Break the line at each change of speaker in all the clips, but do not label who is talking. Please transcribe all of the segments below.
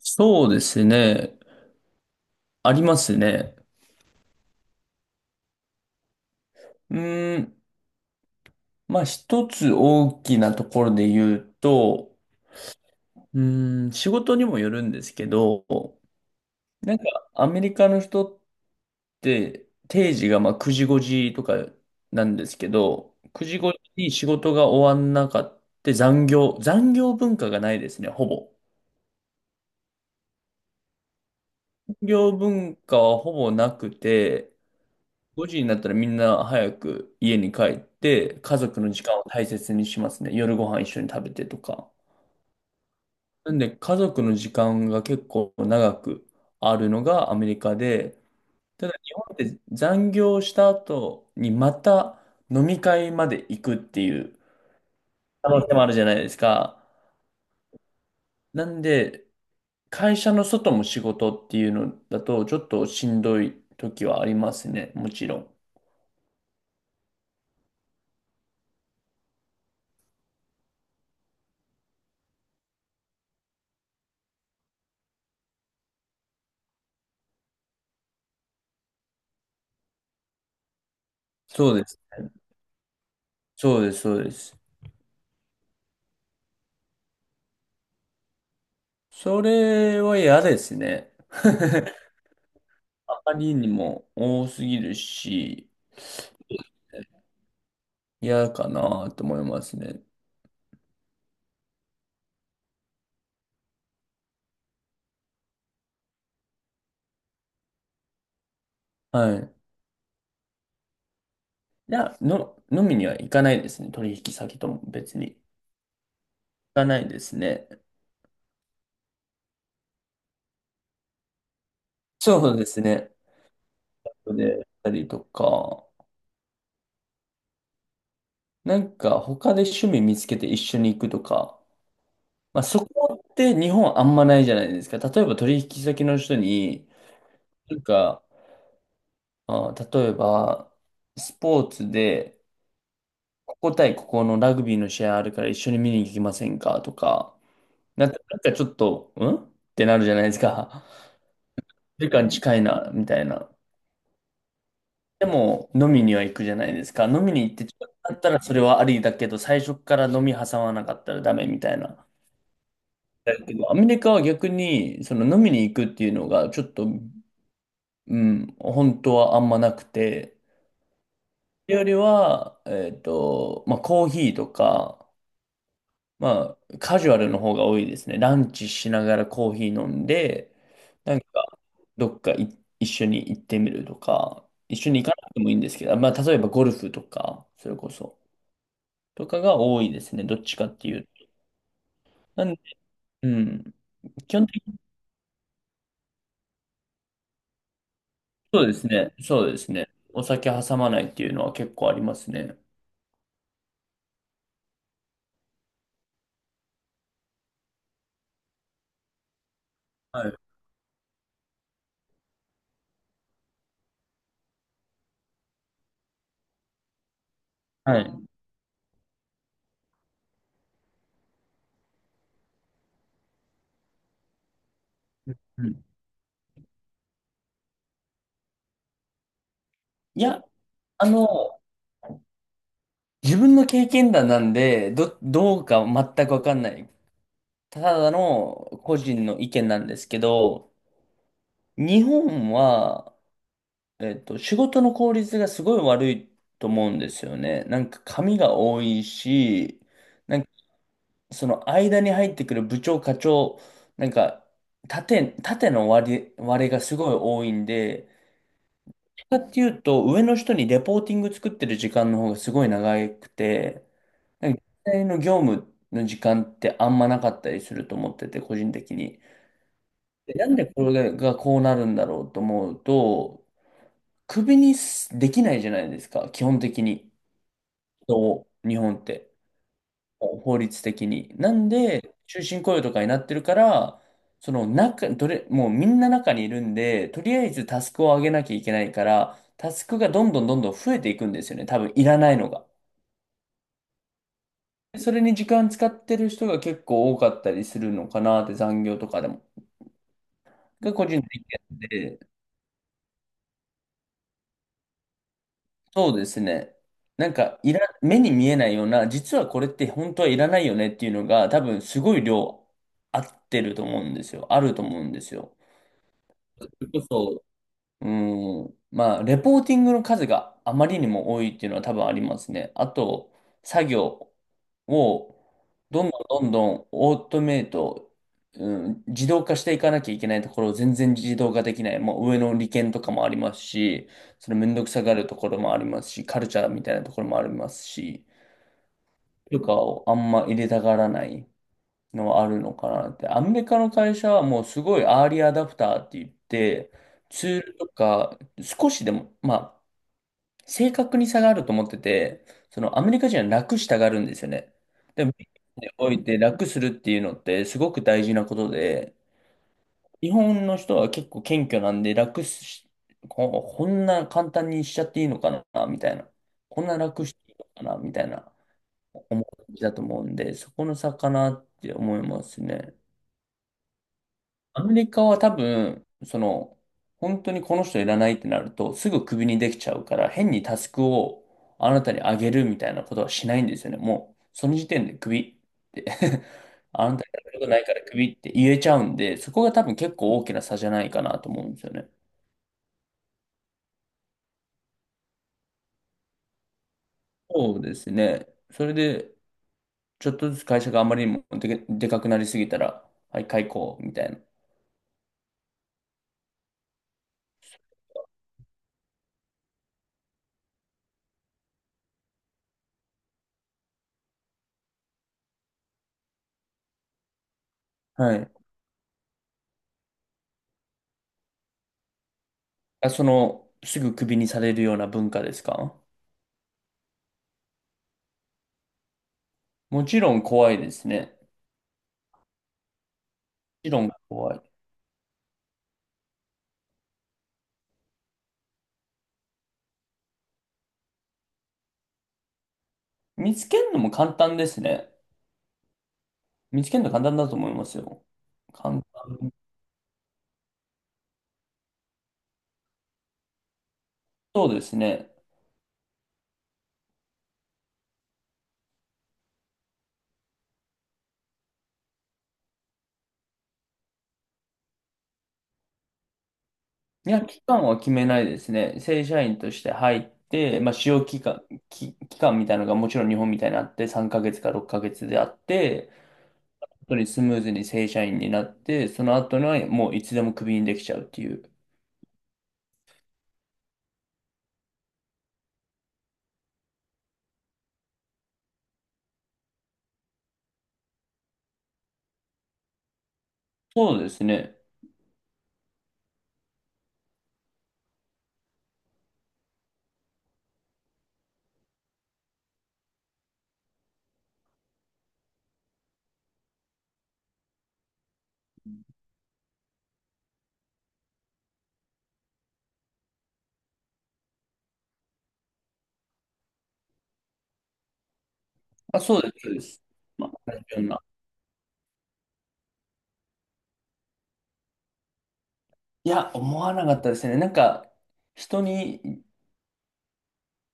そうですね。ありますね。うーん。まあ、一つ大きなところで言うと、仕事にもよるんですけど、なんかアメリカの人って定時がまあ9時5時とかなんですけど、9時5時に仕事が終わんなかって残業文化がないですね、ほぼ。残業文化はほぼなくて、5時になったらみんな早く家に帰って、家族の時間を大切にしますね。夜ご飯一緒に食べてとか。なんで、家族の時間が結構長くあるのがアメリカで、ただ日本って残業した後にまた飲み会まで行くっていう可能性もあるじゃないですか。なんで、会社の外も仕事っていうのだと、ちょっとしんどい時はありますね。もちろん。そうですね。そうです、そうです。それは嫌ですね。あまりにも多すぎるし、嫌かなと思いますね。はい。いや、飲みには行かないですね。取引先とも別に。行かないですね。そうですね。で、やったりとか、なんか他で趣味見つけて一緒に行くとか、まあそこって日本あんまないじゃないですか。例えば取引先の人に、なんか、あ、例えば、スポーツで、ここ対ここのラグビーの試合あるから一緒に見に行きませんかとか、なんかちょっと、んってなるじゃないですか。時間近いな、みたいな。でも、飲みには行くじゃないですか。飲みに行って近くなったらそれはありだけど、最初から飲み挟まなかったらダメみたいな。だけど、アメリカは逆に、その飲みに行くっていうのが、ちょっと、うん、本当はあんまなくて、よりは、まあ、コーヒーとか、まあ、カジュアルの方が多いですね。ランチしながらコーヒー飲んで、なんかどっかい一緒に行ってみるとか、一緒に行かなくてもいいんですけど、まあ、例えばゴルフとか、それこそ、とかが多いですね。どっちかっていうと。なんで、うん。基本的にそうですね。そうですね。お酒挟まないっていうのは結構ありますね。はい。はい。うん。いや、あの、自分の経験談なんで、どうか全くわかんない。ただの個人の意見なんですけど、日本は、仕事の効率がすごい悪いと思うんですよね。なんか紙が多いし、なんかその間に入ってくる部長、課長、なんか縦の割れがすごい多いんで、かっていうと上の人にレポーティング作ってる時間の方がすごい長くて、なんか実際の業務の時間ってあんまなかったりすると思ってて、個人的に。でなんでこれがこうなるんだろうと思うと、首にすできないじゃないですか、基本的に。人を日本って、法律的に。なんで、終身雇用とかになってるから、その中、もうみんな中にいるんで、とりあえずタスクを上げなきゃいけないから、タスクがどんどんどんどん増えていくんですよね、多分いらないのが。それに時間使ってる人が結構多かったりするのかなって、残業とかでも。が個人的なんでそうですね。なんか、目に見えないような、実はこれって本当はいらないよねっていうのが、多分すごい量合ってると思うんですよ。あると思うんですよ。それこうん。まあ、レポーティングの数があまりにも多いっていうのは多分ありますね。あと、作業をどんどんどんどんオートメイト、うん、自動化していかなきゃいけないところを全然自動化できない。もう上の利権とかもありますし、それめんどくさがるところもありますし、カルチャーみたいなところもありますし、とかをあんま入れたがらない。のはあるのかなって。アメリカの会社はもうすごいアーリーアダプターって言って、ツールとか少しでも、まあ、正確に差があると思ってて、そのアメリカ人は楽したがるんですよね。でも、において楽するっていうのってすごく大事なことで、日本の人は結構謙虚なんでここんな簡単にしちゃっていいのかな、みたいな。こんな楽していいのかな、みたいな思いだと思うんで、そこの差かなって思いますね。アメリカは多分、その、本当にこの人いらないってなると、すぐクビにできちゃうから、変にタスクをあなたにあげるみたいなことはしないんですよね。もう、その時点でクビって あなたにやることないからクビって言えちゃうんで、そこが多分結構大きな差じゃないかなと思うんですよね。そうですね。それで、ちょっとずつ会社があまりにもでかくなりすぎたら、はい、解雇みたいな。はい。あ、すぐクビにされるような文化ですか？もちろん怖いですね。理論が怖い。見つけるのも簡単ですね。見つけるの簡単だと思いますよ。簡単。そうですね。いや、期間は決めないですね。正社員として入って、まあ、使用期間、期間みたいなのがもちろん日本みたいにあって、3ヶ月か6ヶ月であって、本当にスムーズに正社員になって、その後にはもういつでもクビにできちゃうっていう。そうですね。あ、そうです、そうです。まあ、同じような。いや、思わなかったですね。なんか、人に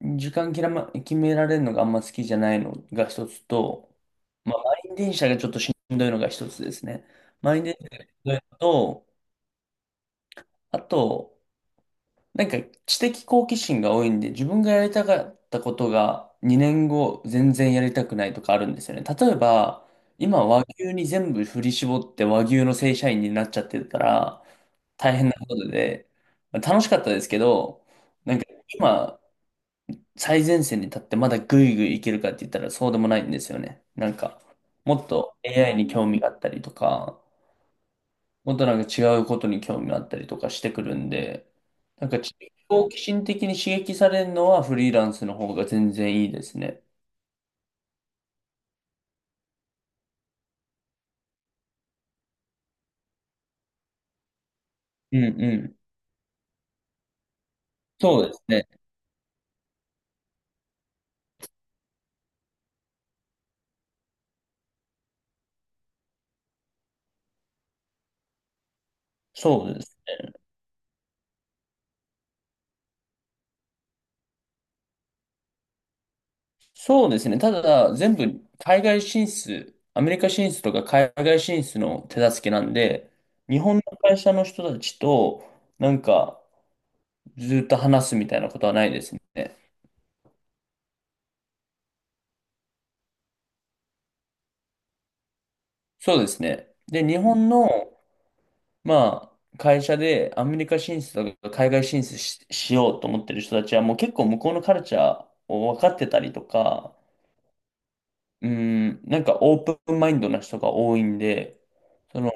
時間決められるのがあんま好きじゃないのが一つと、まあ、満員電車がちょっとしんどいのが一つですね。満員電車がしんどいのと、あと、なんか知的好奇心が多いんで、自分がやりたかったことが2年後全然やりたくないとかあるんですよね。例えば、今和牛に全部振り絞って和牛の正社員になっちゃってるから、大変なことで、まあ楽しかったですけど、なんか今、最前線に立ってまだぐいぐいいけるかって言ったらそうでもないんですよね。なんか、もっと AI に興味があったりとか、もっとなんか違うことに興味があったりとかしてくるんで、なんか好奇心的に刺激されるのはフリーランスの方が全然いいですね。うんうん。そうですね。そうです。そうですね。ただ、全部海外進出、アメリカ進出とか海外進出の手助けなんで、日本の会社の人たちと、なんか、ずっと話すみたいなことはないですね。そうですね。で、日本の、まあ、会社でアメリカ進出とか海外進出しようと思ってる人たちはもう結構向こうのカルチャーを分かってたりとか、うん、なんかオープンマインドな人が多いんで、その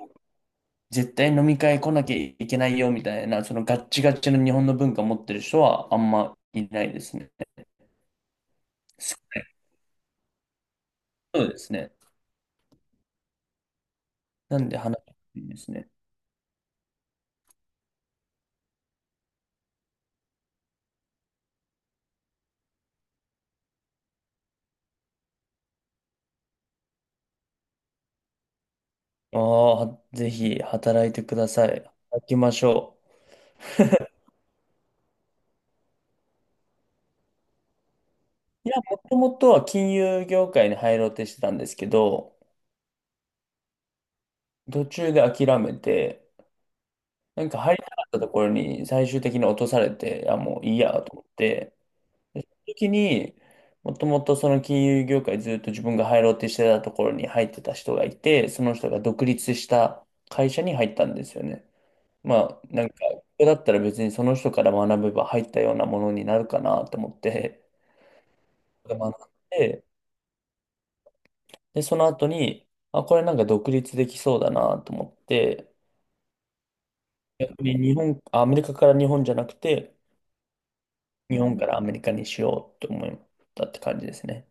絶対飲み会来なきゃいけないよみたいな、そのガッチガチの日本の文化を持ってる人はあんまいないですね。そうですね。なんで話しやすいですね。ああ、ぜひ働いてください。働きましょう。いや、もともとは金融業界に入ろうとしてたんですけど、途中で諦めて、なんか入りたかったところに最終的に落とされて、あ、もういいやと思って、でその時に、もともとその金融業界ずっと自分が入ろうとしてたところに入ってた人がいて、その人が独立した会社に入ったんですよね。まあ、なんか、ここだったら別にその人から学べば入ったようなものになるかなと思って、で学んで、で、その後に、あ、これなんか独立できそうだなと思って、逆に日本、あアメリカから日本じゃなくて、日本からアメリカにしようと思ったって感じですね。